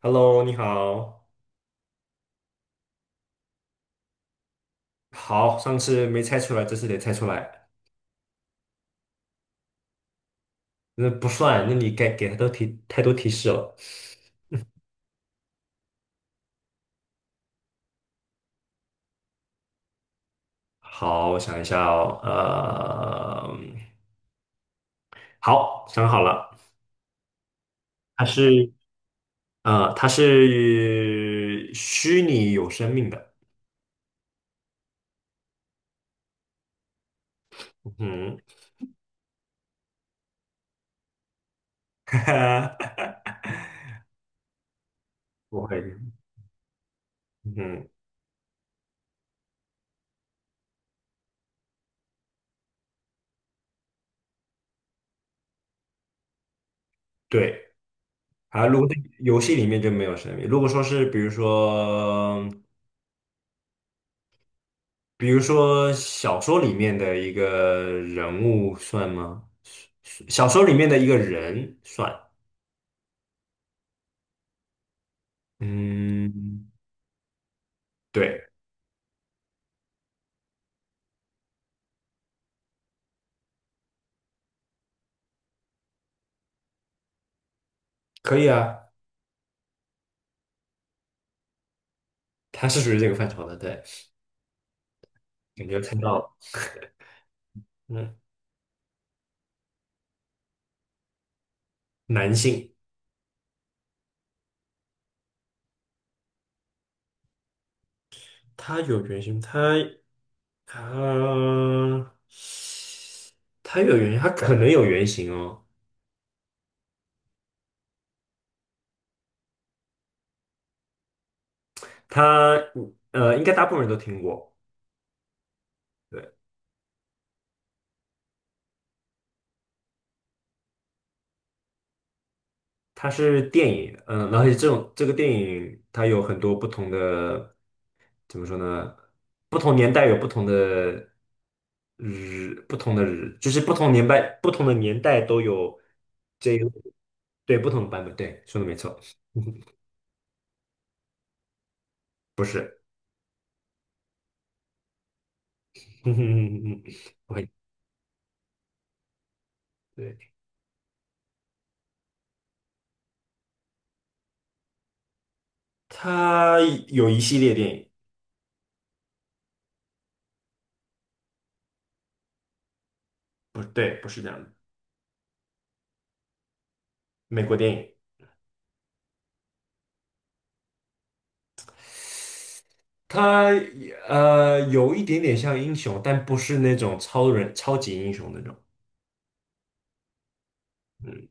Hello，你好。好，上次没猜出来，这次得猜出来。那不算，那你该给他都提太多提示了。好，我想一下哦。好，想好了，它是它是虚拟有生命的。嗯 不会。嗯，对。啊，如果是游戏里面就没有生命。如果说是比如说小说里面的一个人物算吗？小说里面的一个人算，嗯，对，可以啊，他是属于这个范畴的，对，感觉看到了，嗯，男性，他有原型，他他有原型，他可能有原型哦，他应该大部分人都听过，对。它是电影，嗯，然后这个电影它有很多不同的，怎么说呢？不同年代有不同的日，不同的日，就是不同年代不同的年代都有这个对不同的版本，对，说的没错，嗯嗯嗯嗯我会对，它有一系列电影，不对，不是这样的，美国电影。它有一点点像英雄，但不是那种超人、超级英雄那种。嗯。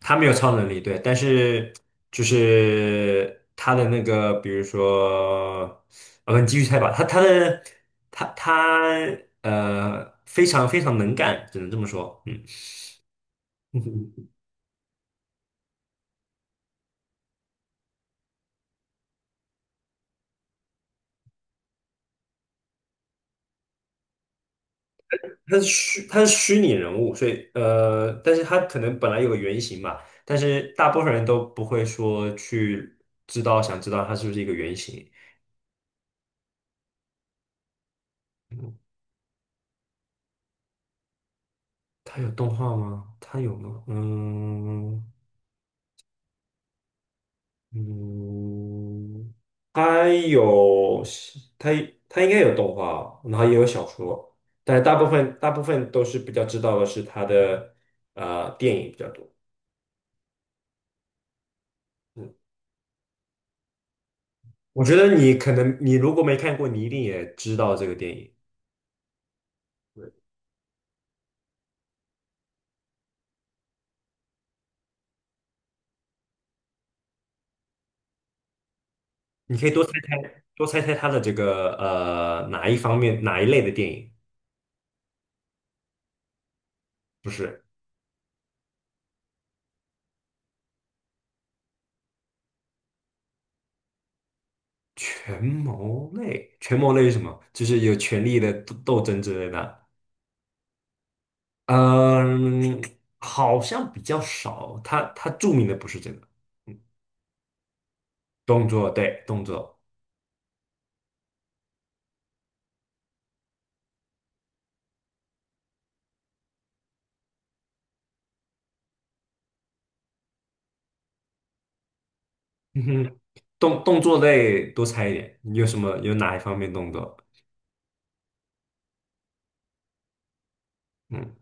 他没有超能力，对，但是就是他的那个，比如说，我不，你继续猜吧。他他的他他非常非常能干，只能这么说。嗯，他是虚拟人物，所以但是他可能本来有个原型嘛，但是大部分人都不会说去想知道他是不是一个原型。他有动画吗？他有吗？嗯，嗯，它有它它应该有动画，然后也有小说，但大部分都是比较知道的是它的电影比较多。嗯，我觉得你可能你如果没看过，你一定也知道这个电影。对，你可以多猜猜它的这个哪一方面哪一类的电影？不是权谋类，权谋类是什么？就是有权力的斗争之类的。嗯，好像比较少，他著名的不是这个，嗯动作，对，动作，嗯哼，动作类多猜一点，你有什么有哪一方面动作？嗯，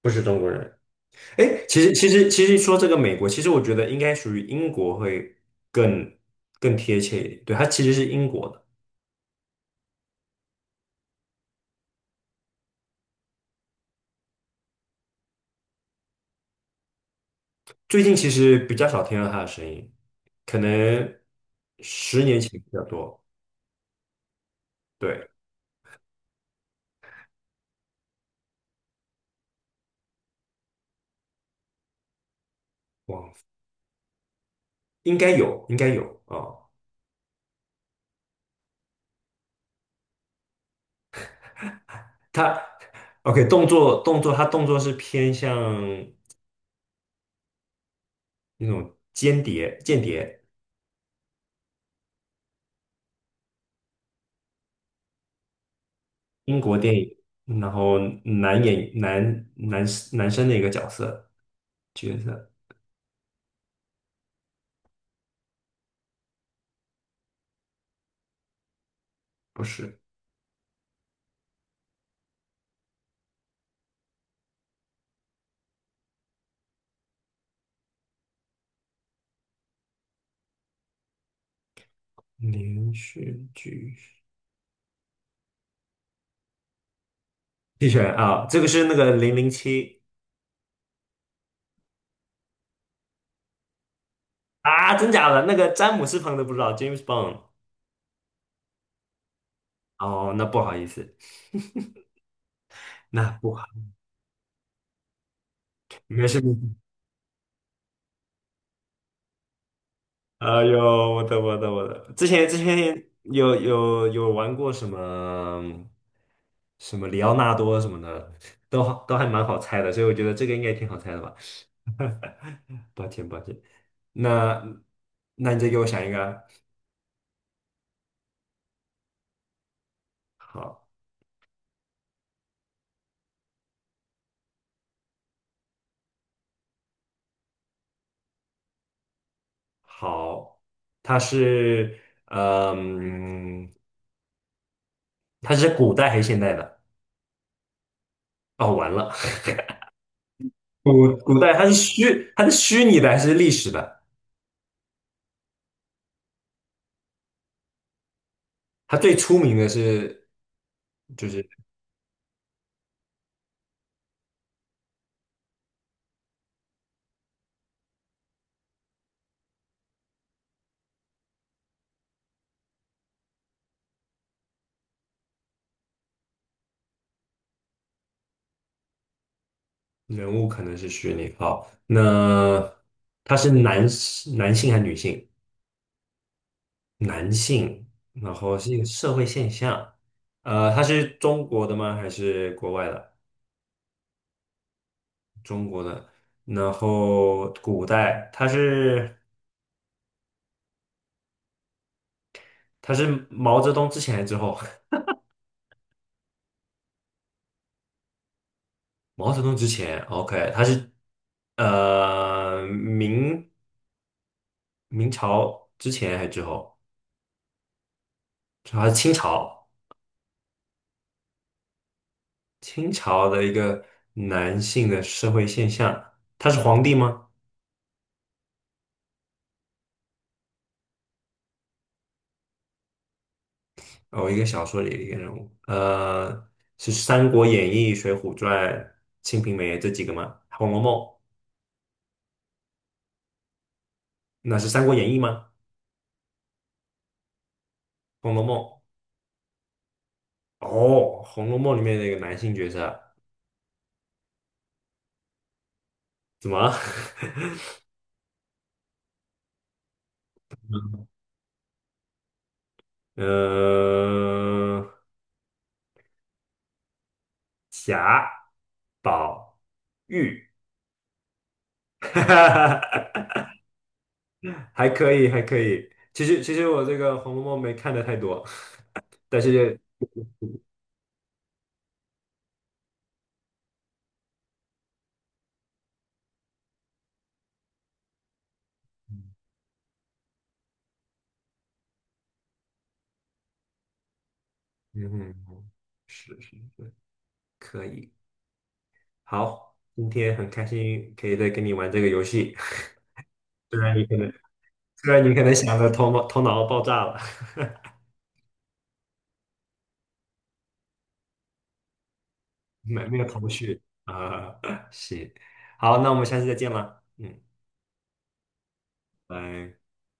不是中国人。哎，其实说这个美国，其实我觉得应该属于英国会更更贴切一点，对，他其实是英国的，最近其实比较少听到他的声音，可能十年前比较多，对，哇，应该有，应该有啊。他 OK 动作，他动作是偏向那种间谍英国电影，然后男演男男男生的一个角色，不是连续剧弃权啊，这个是那个零零七啊，真假的那个詹姆斯彭的不知道 James Bond 哦，那不好意思，那不好，没事没事哎呦，我的，之前有玩过什么什么里奥纳多什么的，都还蛮好猜的，所以我觉得这个应该挺好猜的吧。抱歉抱歉，那那你再给我想一个啊好，好，它是嗯，它是古代还是现代的？哦，完了，古代它是虚拟的还是历史的？它最出名的是就是。人物可能是虚拟。好，那他是男性还是女性？男性，然后是一个社会现象。呃，他是中国的吗？还是国外的？中国的。然后古代，他是毛泽东之前还是之后？毛泽东之前，OK，他是呃明明朝之前还是之后？他是清朝。清朝的一个男性的社会现象，他是皇帝吗？哦，一个小说里的一个人物，是《三国演义》《水浒传》《清平梅》这几个吗？《红楼梦》那是《三国演义》吗？《红楼梦》哦，《红楼梦》里面的一个男性角色，怎么了？呃，贾宝玉，还可以，还可以。其实，其实我这个《红楼梦》没看的太多，但是，嗯哼。嗯是是是，可以。好，今天很开心可以再跟你玩这个游戏，虽然你可能虽然你可能想的头脑爆炸了，没有头绪啊、行，好，那我们下次再见了，嗯，拜。